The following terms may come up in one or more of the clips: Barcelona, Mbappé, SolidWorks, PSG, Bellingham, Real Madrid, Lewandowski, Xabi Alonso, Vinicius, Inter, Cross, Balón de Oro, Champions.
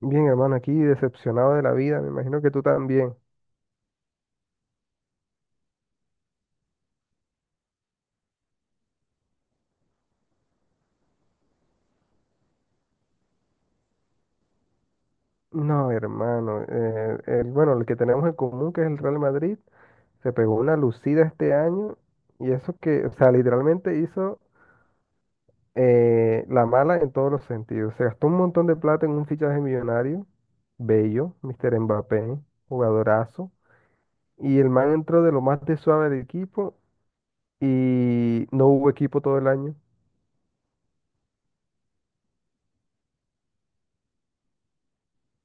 Bien, hermano, aquí decepcionado de la vida, me imagino que tú también. No, hermano, el, bueno, el que tenemos en común, que es el Real Madrid, se pegó una lucida este año. Y eso que, o sea, literalmente hizo la mala en todos los sentidos. Se gastó un montón de plata en un fichaje millonario, bello, Mr. Mbappé, jugadorazo, y el man entró de lo más de suave del equipo y no hubo equipo todo el año.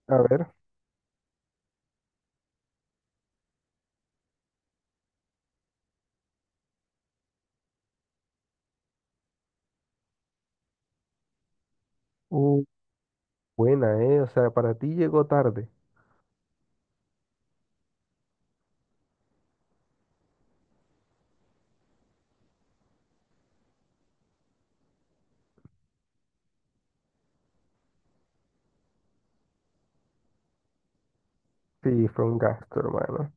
A ver, uh, buena, ¿eh? O sea, para ti llegó tarde. Sí, fue un gasto, hermano.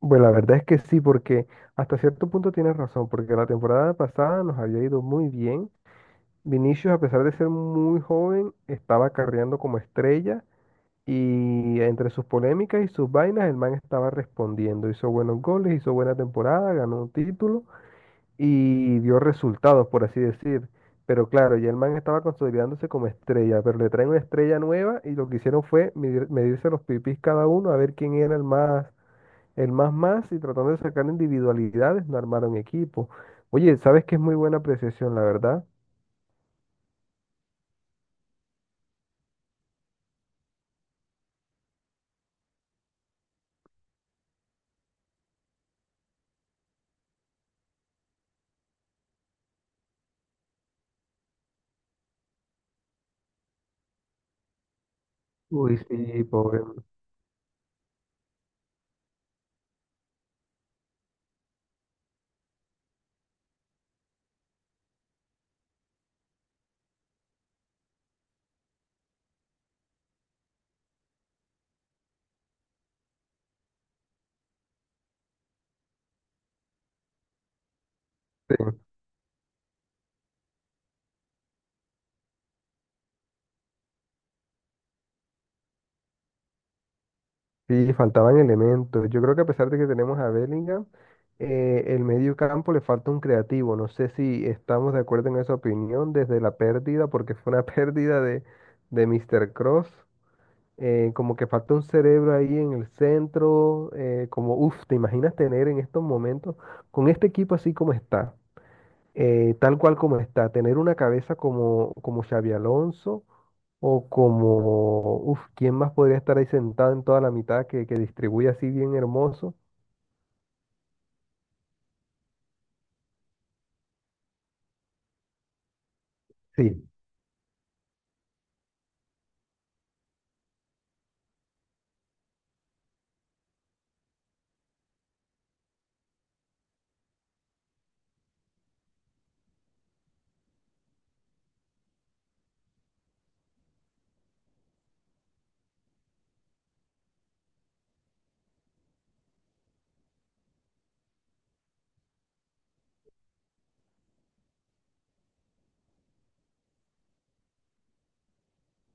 Bueno, la verdad es que sí, porque hasta cierto punto tienes razón, porque la temporada pasada nos había ido muy bien. Vinicius, a pesar de ser muy joven, estaba carreando como estrella, y entre sus polémicas y sus vainas, el man estaba respondiendo. Hizo buenos goles, hizo buena temporada, ganó un título y dio resultados, por así decir. Pero claro, ya el man estaba consolidándose como estrella, pero le traen una estrella nueva y lo que hicieron fue medirse los pipis cada uno a ver quién era el más. El más más, y tratando de sacar individualidades, no armaron equipo. Oye, ¿sabes que es muy buena apreciación, la verdad? Uy, sí, sí, pobre. Sí, sí, faltaban elementos. Yo creo que a pesar de que tenemos a Bellingham, el medio campo le falta un creativo. No sé si estamos de acuerdo en esa opinión desde la pérdida, porque fue una pérdida de Mr. Cross. Como que falta un cerebro ahí en el centro. Como, uff, ¿te imaginas tener en estos momentos con este equipo así como está? Tal cual como está, tener una cabeza como, como Xabi Alonso o como, uf, ¿quién más podría estar ahí sentado en toda la mitad que distribuye así bien hermoso? Sí,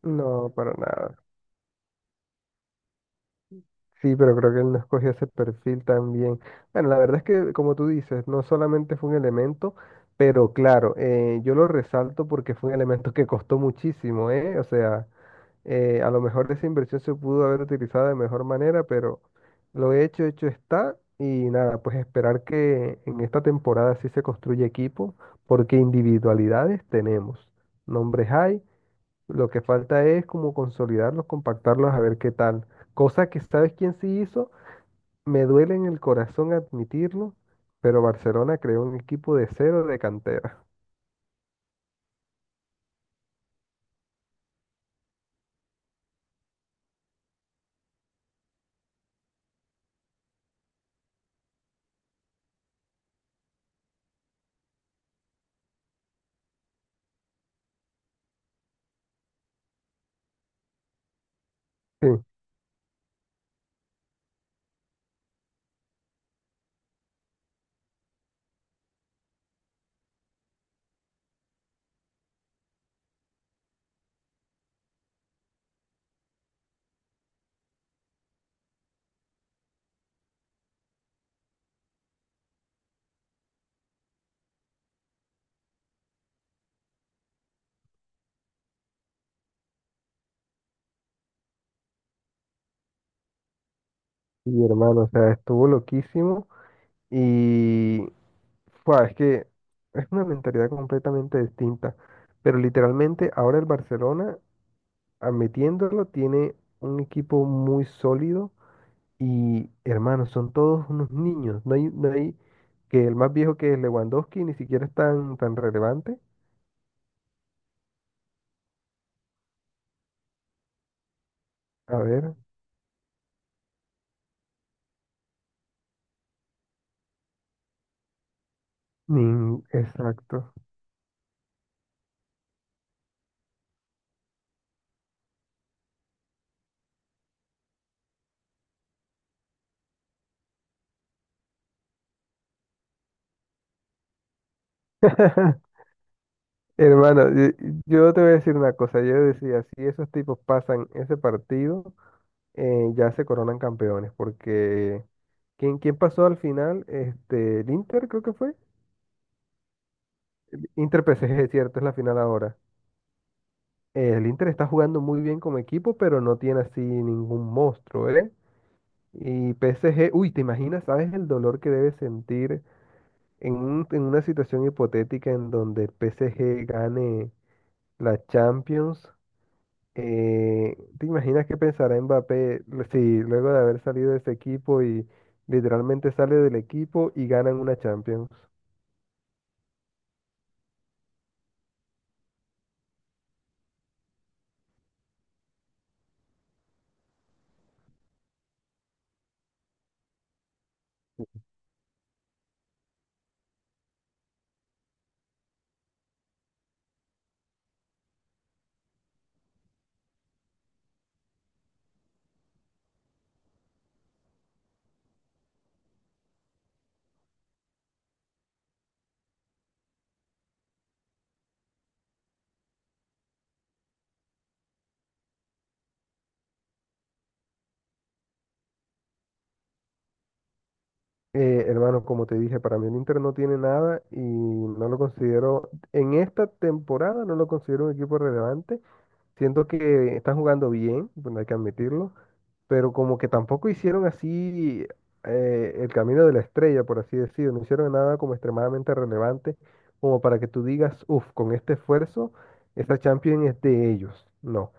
no, para nada. Sí, pero creo que él no escogió ese perfil también. Bueno, la verdad es que, como tú dices, no solamente fue un elemento, pero claro, yo lo resalto porque fue un elemento que costó muchísimo, ¿eh? O sea... a lo mejor esa inversión se pudo haber utilizado de mejor manera, pero lo hecho, hecho está. Y nada, pues esperar que en esta temporada sí se construya equipo, porque individualidades tenemos. Nombres hay, lo que falta es como consolidarlos, compactarlos, a ver qué tal. Cosa que, ¿sabes quién sí hizo? Me duele en el corazón admitirlo, pero Barcelona creó un equipo de cero, de cantera. Sí, y hermano, o sea, estuvo loquísimo y... Fua, es que es una mentalidad completamente distinta. Pero literalmente ahora el Barcelona, admitiéndolo, tiene un equipo muy sólido, y hermanos, son todos unos niños. No hay, no hay... Que el más viejo, que es Lewandowski, ni siquiera es tan, tan relevante. A ver, ni- exacto. Hermano, yo te voy a decir una cosa. Yo decía, si esos tipos pasan ese partido, ya se coronan campeones, porque ¿quién, quién pasó al final? Este, el Inter creo que fue. Inter PSG, cierto, es la final ahora. El Inter está jugando muy bien como equipo, pero no tiene así ningún monstruo, ¿eh? Y PSG, uy, ¿te imaginas, sabes el dolor que debe sentir en, en una situación hipotética en donde el PSG gane la Champions? ¿Te imaginas qué pensará Mbappé si luego de haber salido de ese equipo y literalmente sale del equipo y ganan una Champions? Hermano, como te dije, para mí el Inter no tiene nada y no lo considero, en esta temporada no lo considero un equipo relevante. Siento que están jugando bien, bueno, hay que admitirlo, pero como que tampoco hicieron así el camino de la estrella, por así decirlo, no hicieron nada como extremadamente relevante, como para que tú digas, uff, con este esfuerzo, esta Champions es de ellos. No.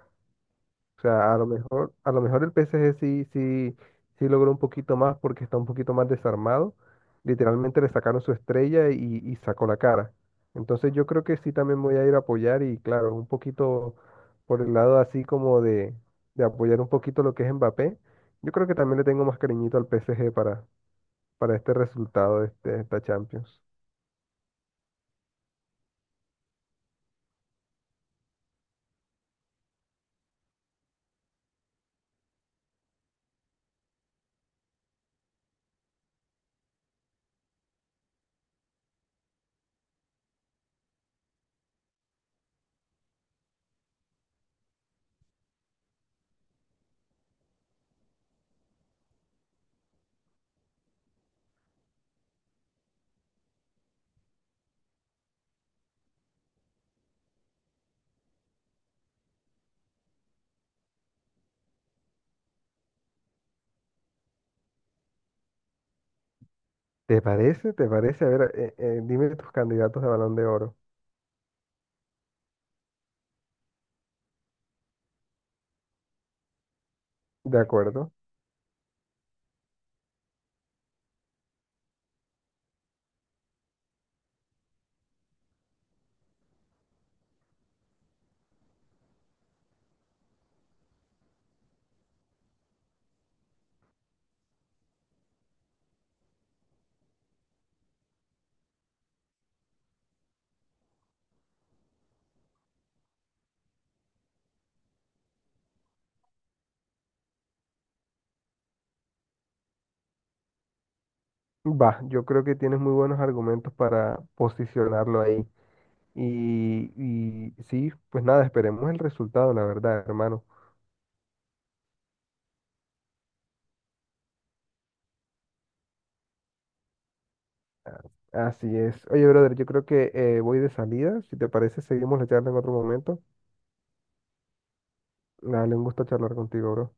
O sea, a lo mejor el PSG sí, sí, sí logró un poquito más porque está un poquito más desarmado. Literalmente le sacaron su estrella y sacó la cara. Entonces yo creo que sí también voy a ir a apoyar y claro, un poquito por el lado así como de apoyar un poquito lo que es Mbappé. Yo creo que también le tengo más cariñito al PSG para este resultado de, esta Champions. ¿Te parece? ¿Te parece? A ver, dime tus candidatos de Balón de Oro. De acuerdo. Va, yo creo que tienes muy buenos argumentos para posicionarlo ahí. Y sí, pues nada, esperemos el resultado, la verdad, hermano. Así es. Oye, brother, yo creo que voy de salida. Si te parece, seguimos la charla en otro momento. Dale, un gusto charlar contigo, bro.